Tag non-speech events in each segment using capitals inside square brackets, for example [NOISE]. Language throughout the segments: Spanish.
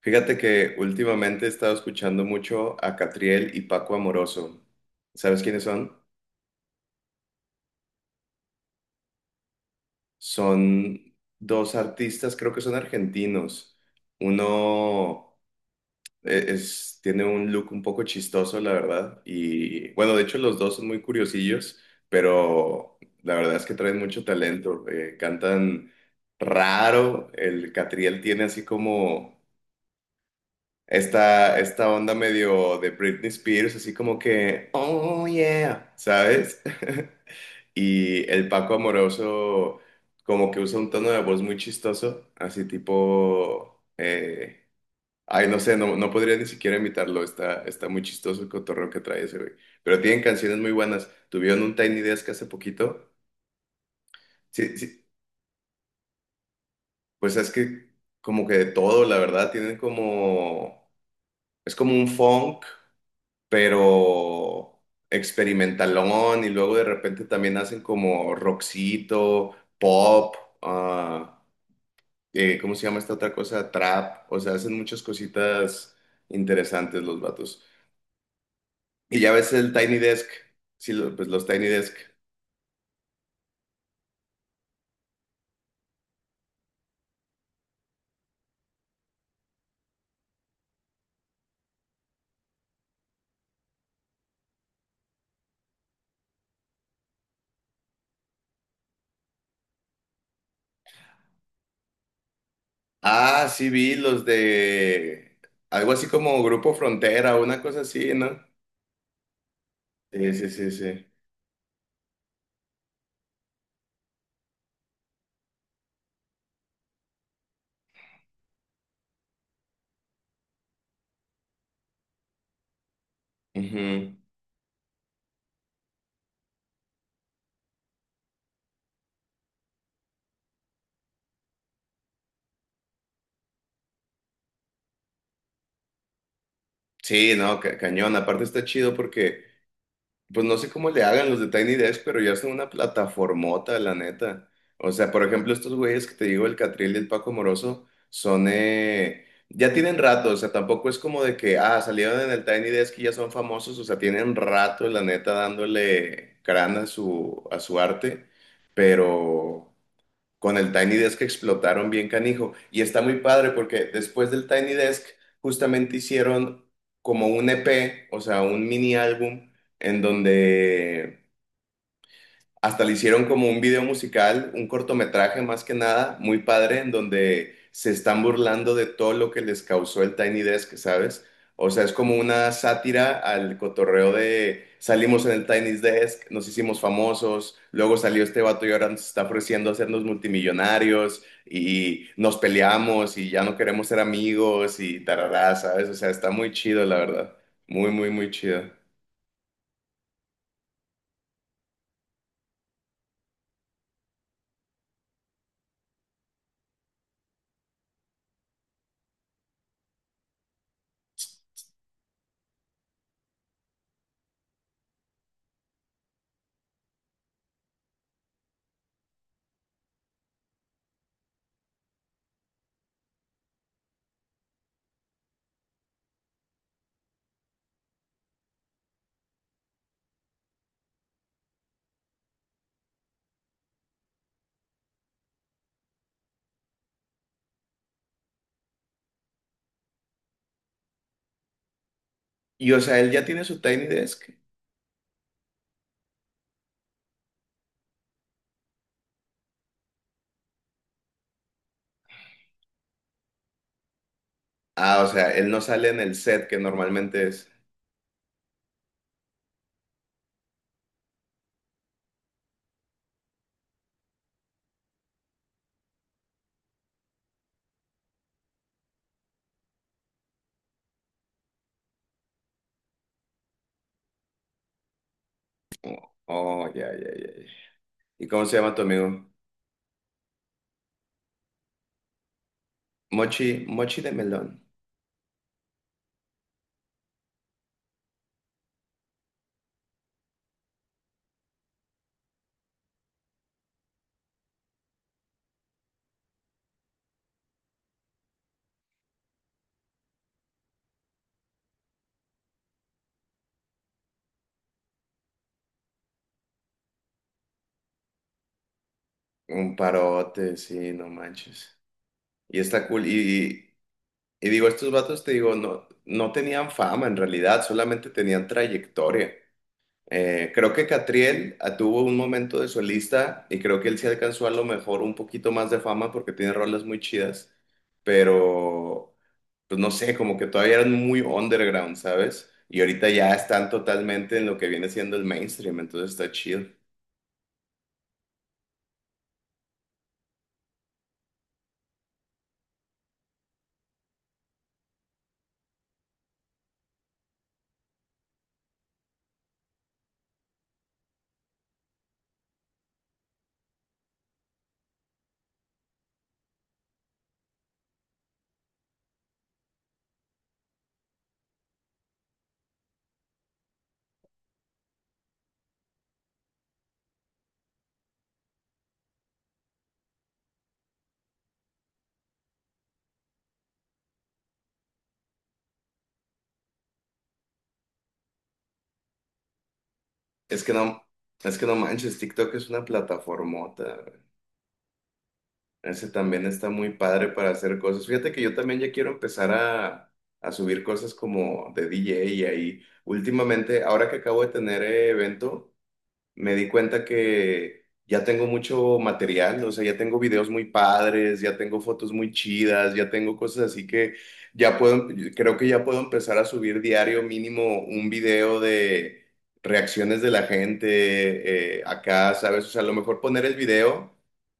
Fíjate que últimamente he estado escuchando mucho a Catriel y Paco Amoroso. ¿Sabes quiénes son? Son dos artistas, creo que son argentinos. Uno es, tiene un look un poco chistoso, la verdad. Y bueno, de hecho los dos son muy curiosillos, pero la verdad es que traen mucho talento. Cantan raro. El Catriel tiene así como... Esta onda medio de Britney Spears, así como que, oh yeah, ¿sabes? [LAUGHS] Y el Paco Amoroso como que usa un tono de voz muy chistoso, así tipo, ay, no sé, no, no podría ni siquiera imitarlo, está, está muy chistoso el cotorreo que trae ese güey. Pero tienen canciones muy buenas, tuvieron un Tiny Desk hace poquito, sí, sí, pues es que como que de todo, la verdad, tienen como, es como un funk pero experimentalón y luego de repente también hacen como rockcito, pop, ah, ¿cómo se llama esta otra cosa? Trap, o sea, hacen muchas cositas interesantes los vatos. Y ya ves el Tiny Desk, sí, pues los Tiny Desk. Ah, sí vi los de algo así como Grupo Frontera, una cosa así, ¿no? Sí, sí, sí, sí. Ujú. Sí, no, cañón. Aparte está chido porque pues no sé cómo le hagan los de Tiny Desk, pero ya son una plataformota, la neta. O sea, por ejemplo, estos güeyes que te digo, el Catril y el Paco Moroso, son, ya tienen rato, o sea, tampoco es como de que, ah, salieron en el Tiny Desk y ya son famosos, o sea, tienen rato, la neta, dándole crán a su arte, pero con el Tiny Desk explotaron bien canijo. Y está muy padre porque después del Tiny Desk justamente hicieron como un EP, o sea, un mini álbum en donde hasta le hicieron como un video musical, un cortometraje más que nada, muy padre, en donde se están burlando de todo lo que les causó el Tiny Desk, ¿sabes? O sea, es como una sátira al cotorreo de salimos en el Tiny Desk, nos hicimos famosos, luego salió este vato y ahora nos está ofreciendo hacernos multimillonarios y nos peleamos y ya no queremos ser amigos y tarará, ¿sabes? O sea, está muy chido, la verdad. Muy, muy, muy chido. Y o sea, él ya tiene su Tiny Desk. Ah, o sea, él no sale en el set que normalmente es. Oh, ya, ya, ya, ya. ¿Y cómo se llama tu amigo? Mochi, Mochi de melón. Un parote, sí, no manches. Y está cool. Y digo, estos vatos, te digo, no, no tenían fama en realidad, solamente tenían trayectoria. Creo que Catriel tuvo un momento de solista y creo que él sí alcanzó a lo mejor un poquito más de fama porque tiene rolas muy chidas, pero pues no sé, como que todavía eran muy underground, ¿sabes? Y ahorita ya están totalmente en lo que viene siendo el mainstream, entonces está chido. Es que no, es que no manches, TikTok es una plataformota, güey. Ese también está muy padre para hacer cosas. Fíjate que yo también ya quiero empezar a subir cosas como de DJ y ahí. Últimamente, ahora que acabo de tener evento, me di cuenta que ya tengo mucho material, o sea, ya tengo videos muy padres, ya tengo fotos muy chidas, ya tengo cosas así que ya puedo, creo que ya puedo empezar a subir diario mínimo un video de reacciones de la gente acá, ¿sabes? O sea, a lo mejor poner el video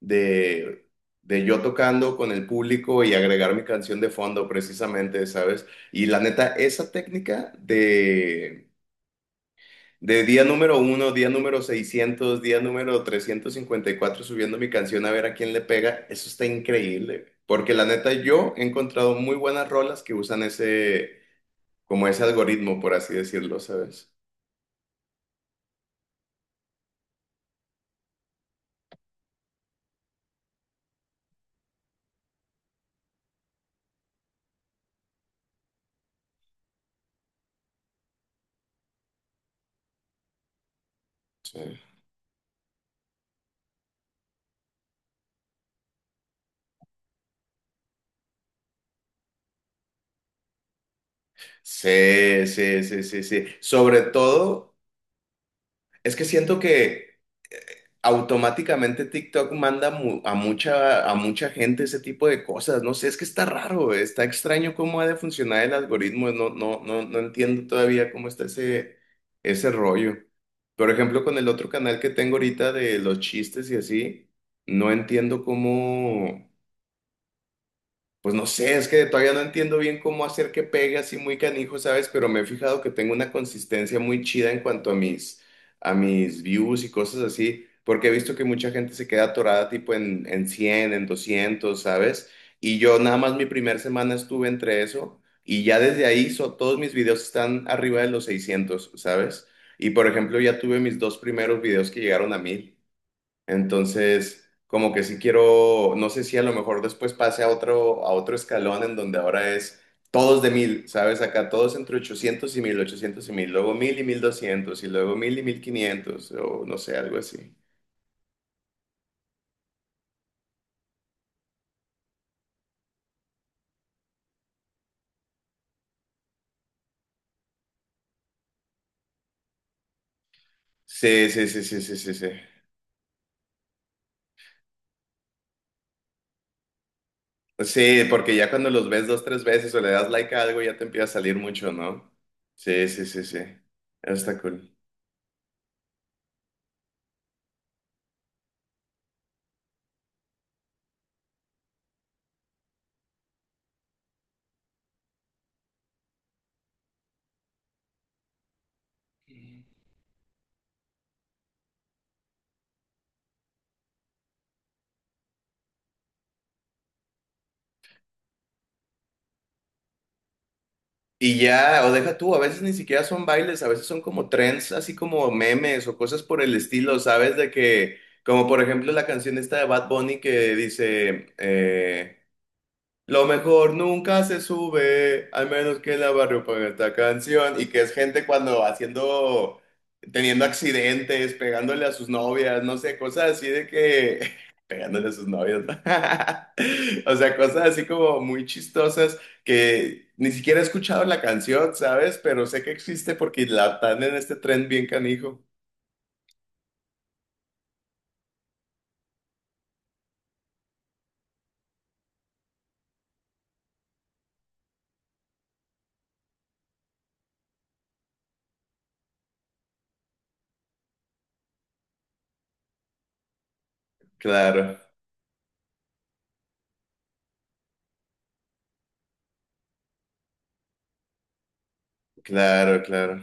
de, de yo tocando con el público y agregar mi canción de fondo precisamente, ¿sabes? Y la neta, esa técnica de día número uno, día número 600, día número 354 subiendo mi canción a ver a quién le pega, eso está increíble. Porque la neta, yo he encontrado muy buenas rolas que usan ese, como ese algoritmo, por así decirlo, ¿sabes? Sí, sí, sí, sí, sí, sí. Sobre todo, es que siento que automáticamente TikTok manda a mucha gente ese tipo de cosas. No sé, es que está raro, está extraño cómo ha de funcionar el algoritmo. No, no, no, no entiendo todavía cómo está ese, ese rollo. Por ejemplo, con el otro canal que tengo ahorita de los chistes y así, no entiendo cómo. Pues no sé, es que todavía no entiendo bien cómo hacer que pegue así muy canijo, ¿sabes? Pero me he fijado que tengo una consistencia muy chida en cuanto a mis views y cosas así, porque he visto que mucha gente se queda atorada tipo en 100, en 200, ¿sabes? Y yo nada más mi primera semana estuve entre eso y ya desde ahí todos mis videos están arriba de los 600, ¿sabes? Y por ejemplo ya tuve mis dos primeros videos que llegaron a 1,000. Entonces, como que sí quiero, no sé si a lo mejor después pase a otro escalón en donde ahora es todos de 1,000, ¿sabes? Acá todos entre 800 y 1,000, 800 y mil, luego 1,000 y 1,200 y luego 1,000 y 1,500 o no sé, algo así. Sí, sí, sí, sí, sí, sí, sí. Sí, porque ya cuando los ves dos, tres veces o le das like a algo ya te empieza a salir mucho, ¿no? Sí, sí, sí, sí. Eso está cool. Y ya, o deja tú, a veces ni siquiera son bailes, a veces son como trends, así como memes o cosas por el estilo, ¿sabes? De que, como por ejemplo la canción esta de Bad Bunny que dice, lo mejor nunca se sube, al menos que la barrio ponga esta canción. Y que es gente cuando haciendo, teniendo accidentes, pegándole a sus novias, no sé, cosas así de que, [LAUGHS] pegándole a sus novias, ¿no? [LAUGHS] O sea, cosas así como muy chistosas que ni siquiera he escuchado la canción, ¿sabes? Pero sé que existe porque la están en este tren bien canijo. Claro, claro, claro.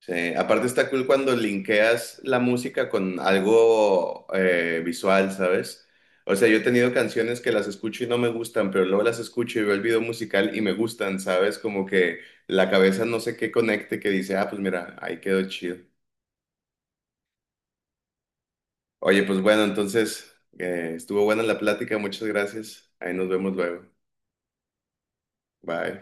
Sí, aparte está cool cuando linkeas la música con algo visual, ¿sabes? O sea, yo he tenido canciones que las escucho y no me gustan, pero luego las escucho y veo el video musical y me gustan, ¿sabes? Como que la cabeza no sé qué conecte que dice, ah, pues mira, ahí quedó chido. Oye, pues bueno, entonces estuvo buena la plática, muchas gracias. Ahí nos vemos luego. Bye.